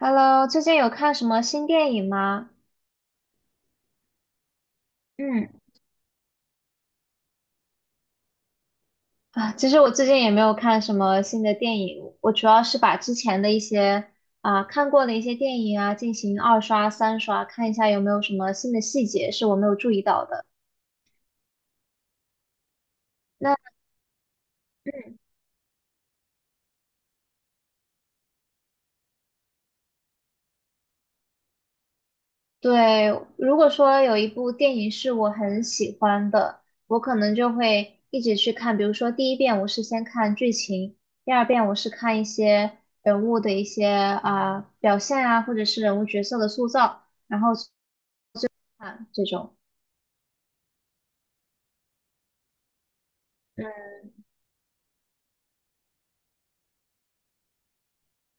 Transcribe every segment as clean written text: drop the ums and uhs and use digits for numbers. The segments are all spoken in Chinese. Hello,最近有看什么新电影吗？嗯，其实我最近也没有看什么新的电影，我主要是把之前的一些看过的一些电影进行二刷、三刷，看一下有没有什么新的细节是我没有注意到的。那对，如果说有一部电影是我很喜欢的，我可能就会一直去看。比如说，第一遍我是先看剧情，第二遍我是看一些人物的一些啊、表现啊，或者是人物角色的塑造，然后去看这种。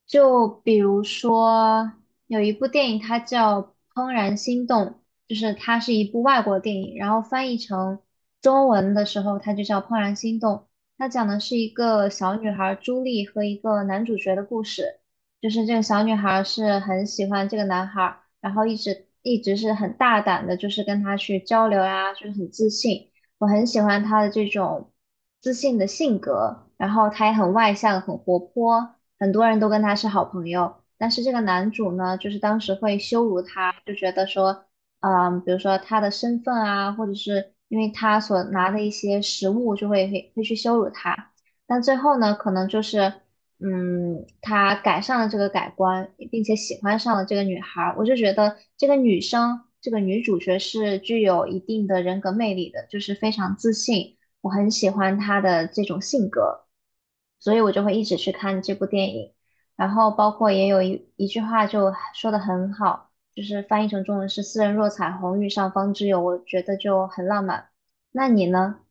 就比如说，有一部电影，它叫《怦然心动》，就是它是一部外国电影，然后翻译成中文的时候，它就叫《怦然心动》。它讲的是一个小女孩朱莉和一个男主角的故事，就是这个小女孩是很喜欢这个男孩儿，然后一直是很大胆的，就是跟他去交流呀、就是很自信。我很喜欢他的这种自信的性格，然后他也很外向，很活泼，很多人都跟他是好朋友。但是这个男主呢，就是当时会羞辱他，就觉得说，嗯，比如说他的身份啊，或者是因为他所拿的一些食物，就会去羞辱他。但最后呢，可能就是嗯，他改善了这个改观，并且喜欢上了这个女孩儿，我就觉得这个女生，这个女主角是具有一定的人格魅力的，就是非常自信，我很喜欢她的这种性格，所以我就会一直去看这部电影。然后包括也有一句话就说的很好，就是翻译成中文是“斯人若彩虹，遇上方知有”，我觉得就很浪漫。那你呢？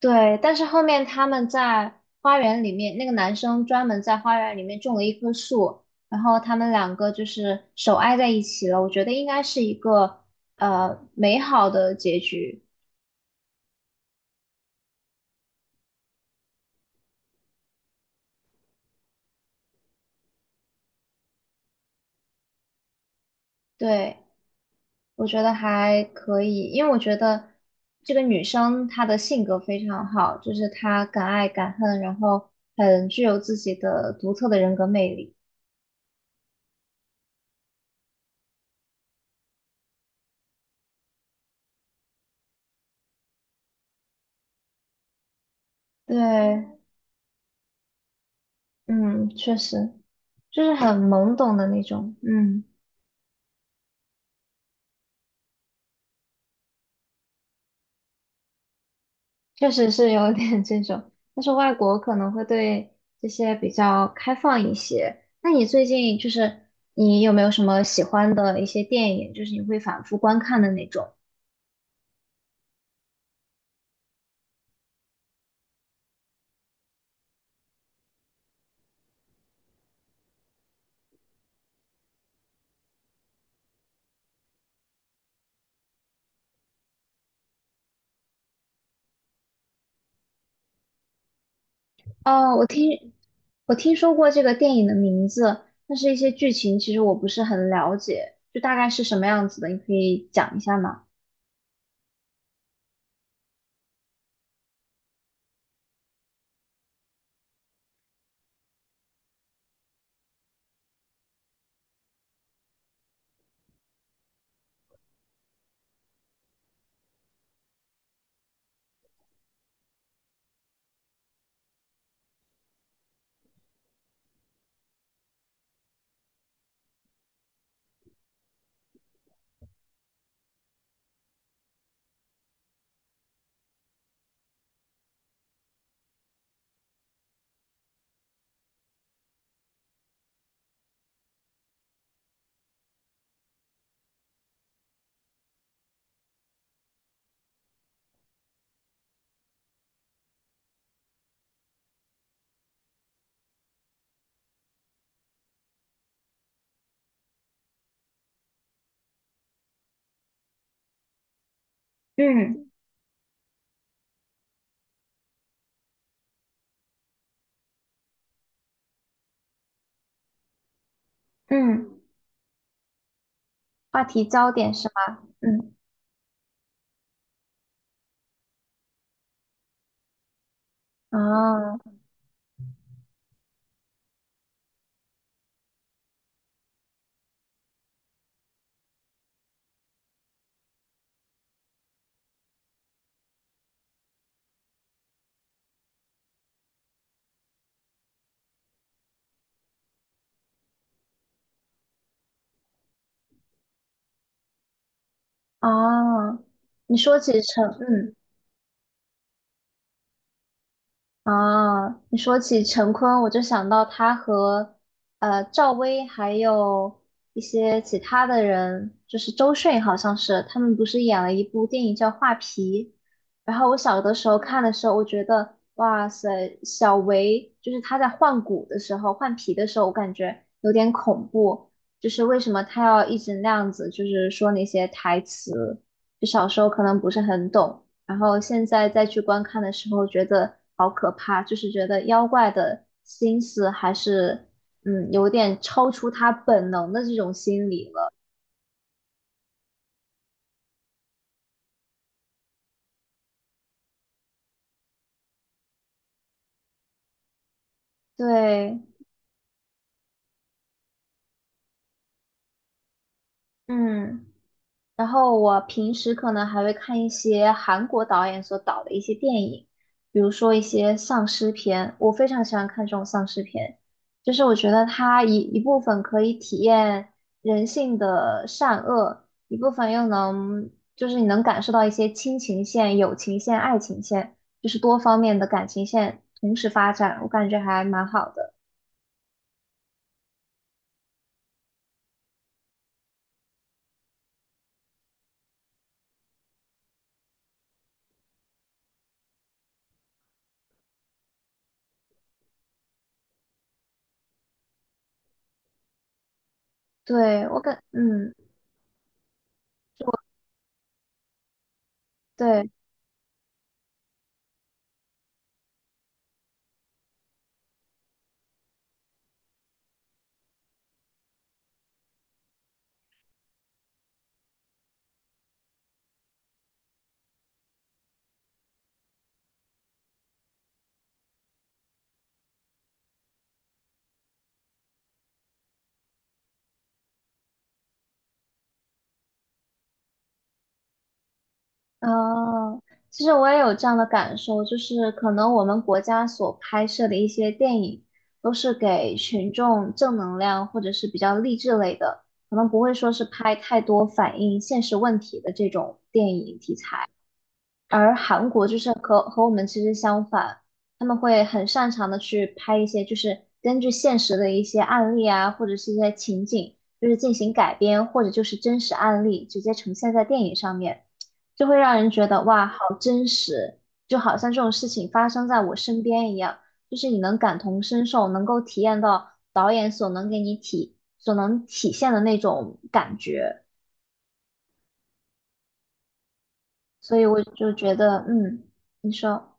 对，但是后面他们在花园里面，那个男生专门在花园里面种了一棵树，然后他们两个就是手挨在一起了。我觉得应该是一个美好的结局。对，我觉得还可以，因为我觉得这个女生她的性格非常好，就是她敢爱敢恨，然后很具有自己的独特的人格魅力。对，嗯，确实就是很懵懂的那种，嗯。确实是有点这种，但是外国可能会对这些比较开放一些。那你最近就是你有没有什么喜欢的一些电影，就是你会反复观看的那种？哦，我听说过这个电影的名字，但是一些剧情其实我不是很了解，就大概是什么样子的，你可以讲一下吗？嗯嗯，话题焦点是吗？嗯，哦哦，你说起成，嗯啊，你说起陈坤，我就想到他和赵薇还有一些其他的人，就是周迅好像是，他们不是演了一部电影叫《画皮》，然后我小的时候看的时候，我觉得哇塞，小维就是他在换骨的时候、换皮的时候，我感觉有点恐怖，就是为什么他要一直那样子，就是说那些台词，就小时候可能不是很懂。然后现在再去观看的时候，觉得好可怕，就是觉得妖怪的心思还是嗯有点超出他本能的这种心理了。对，嗯。然后我平时可能还会看一些韩国导演所导的一些电影，比如说一些丧尸片，我非常喜欢看这种丧尸片，就是我觉得它一部分可以体验人性的善恶，一部分又能就是你能感受到一些亲情线、友情线、爱情线，就是多方面的感情线同时发展，我感觉还蛮好的。对，我感，嗯，对。哦，其实我也有这样的感受，就是可能我们国家所拍摄的一些电影，都是给群众正能量或者是比较励志类的，可能不会说是拍太多反映现实问题的这种电影题材。而韩国就是和我们其实相反，他们会很擅长的去拍一些就是根据现实的一些案例啊，或者是一些情景，就是进行改编，或者就是真实案例直接呈现在电影上面，就会让人觉得哇，好真实，就好像这种事情发生在我身边一样，就是你能感同身受，能够体验到导演所能给你所能体现的那种感觉，所以我就觉得，嗯，你说。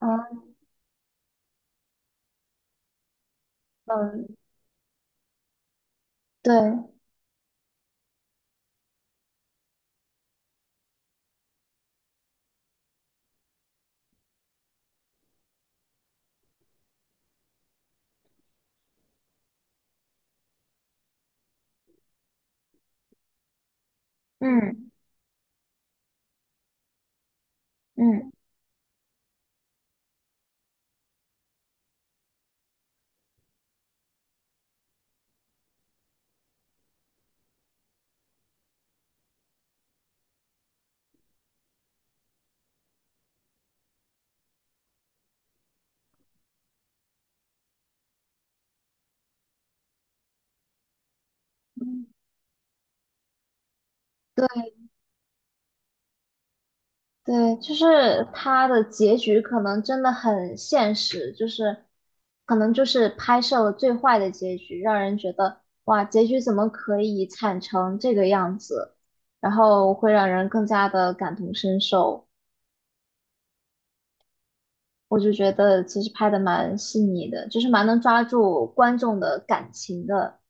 嗯。嗯。对，嗯嗯，嗯对对，就是它的结局可能真的很现实，就是可能就是拍摄了最坏的结局，让人觉得哇，结局怎么可以惨成这个样子，然后会让人更加的感同身受。我就觉得其实拍的蛮细腻的，就是蛮能抓住观众的感情的。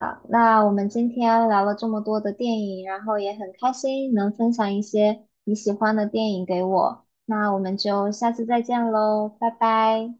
好，那我们今天聊了这么多的电影，然后也很开心能分享一些你喜欢的电影给我。那我们就下次再见喽，拜拜。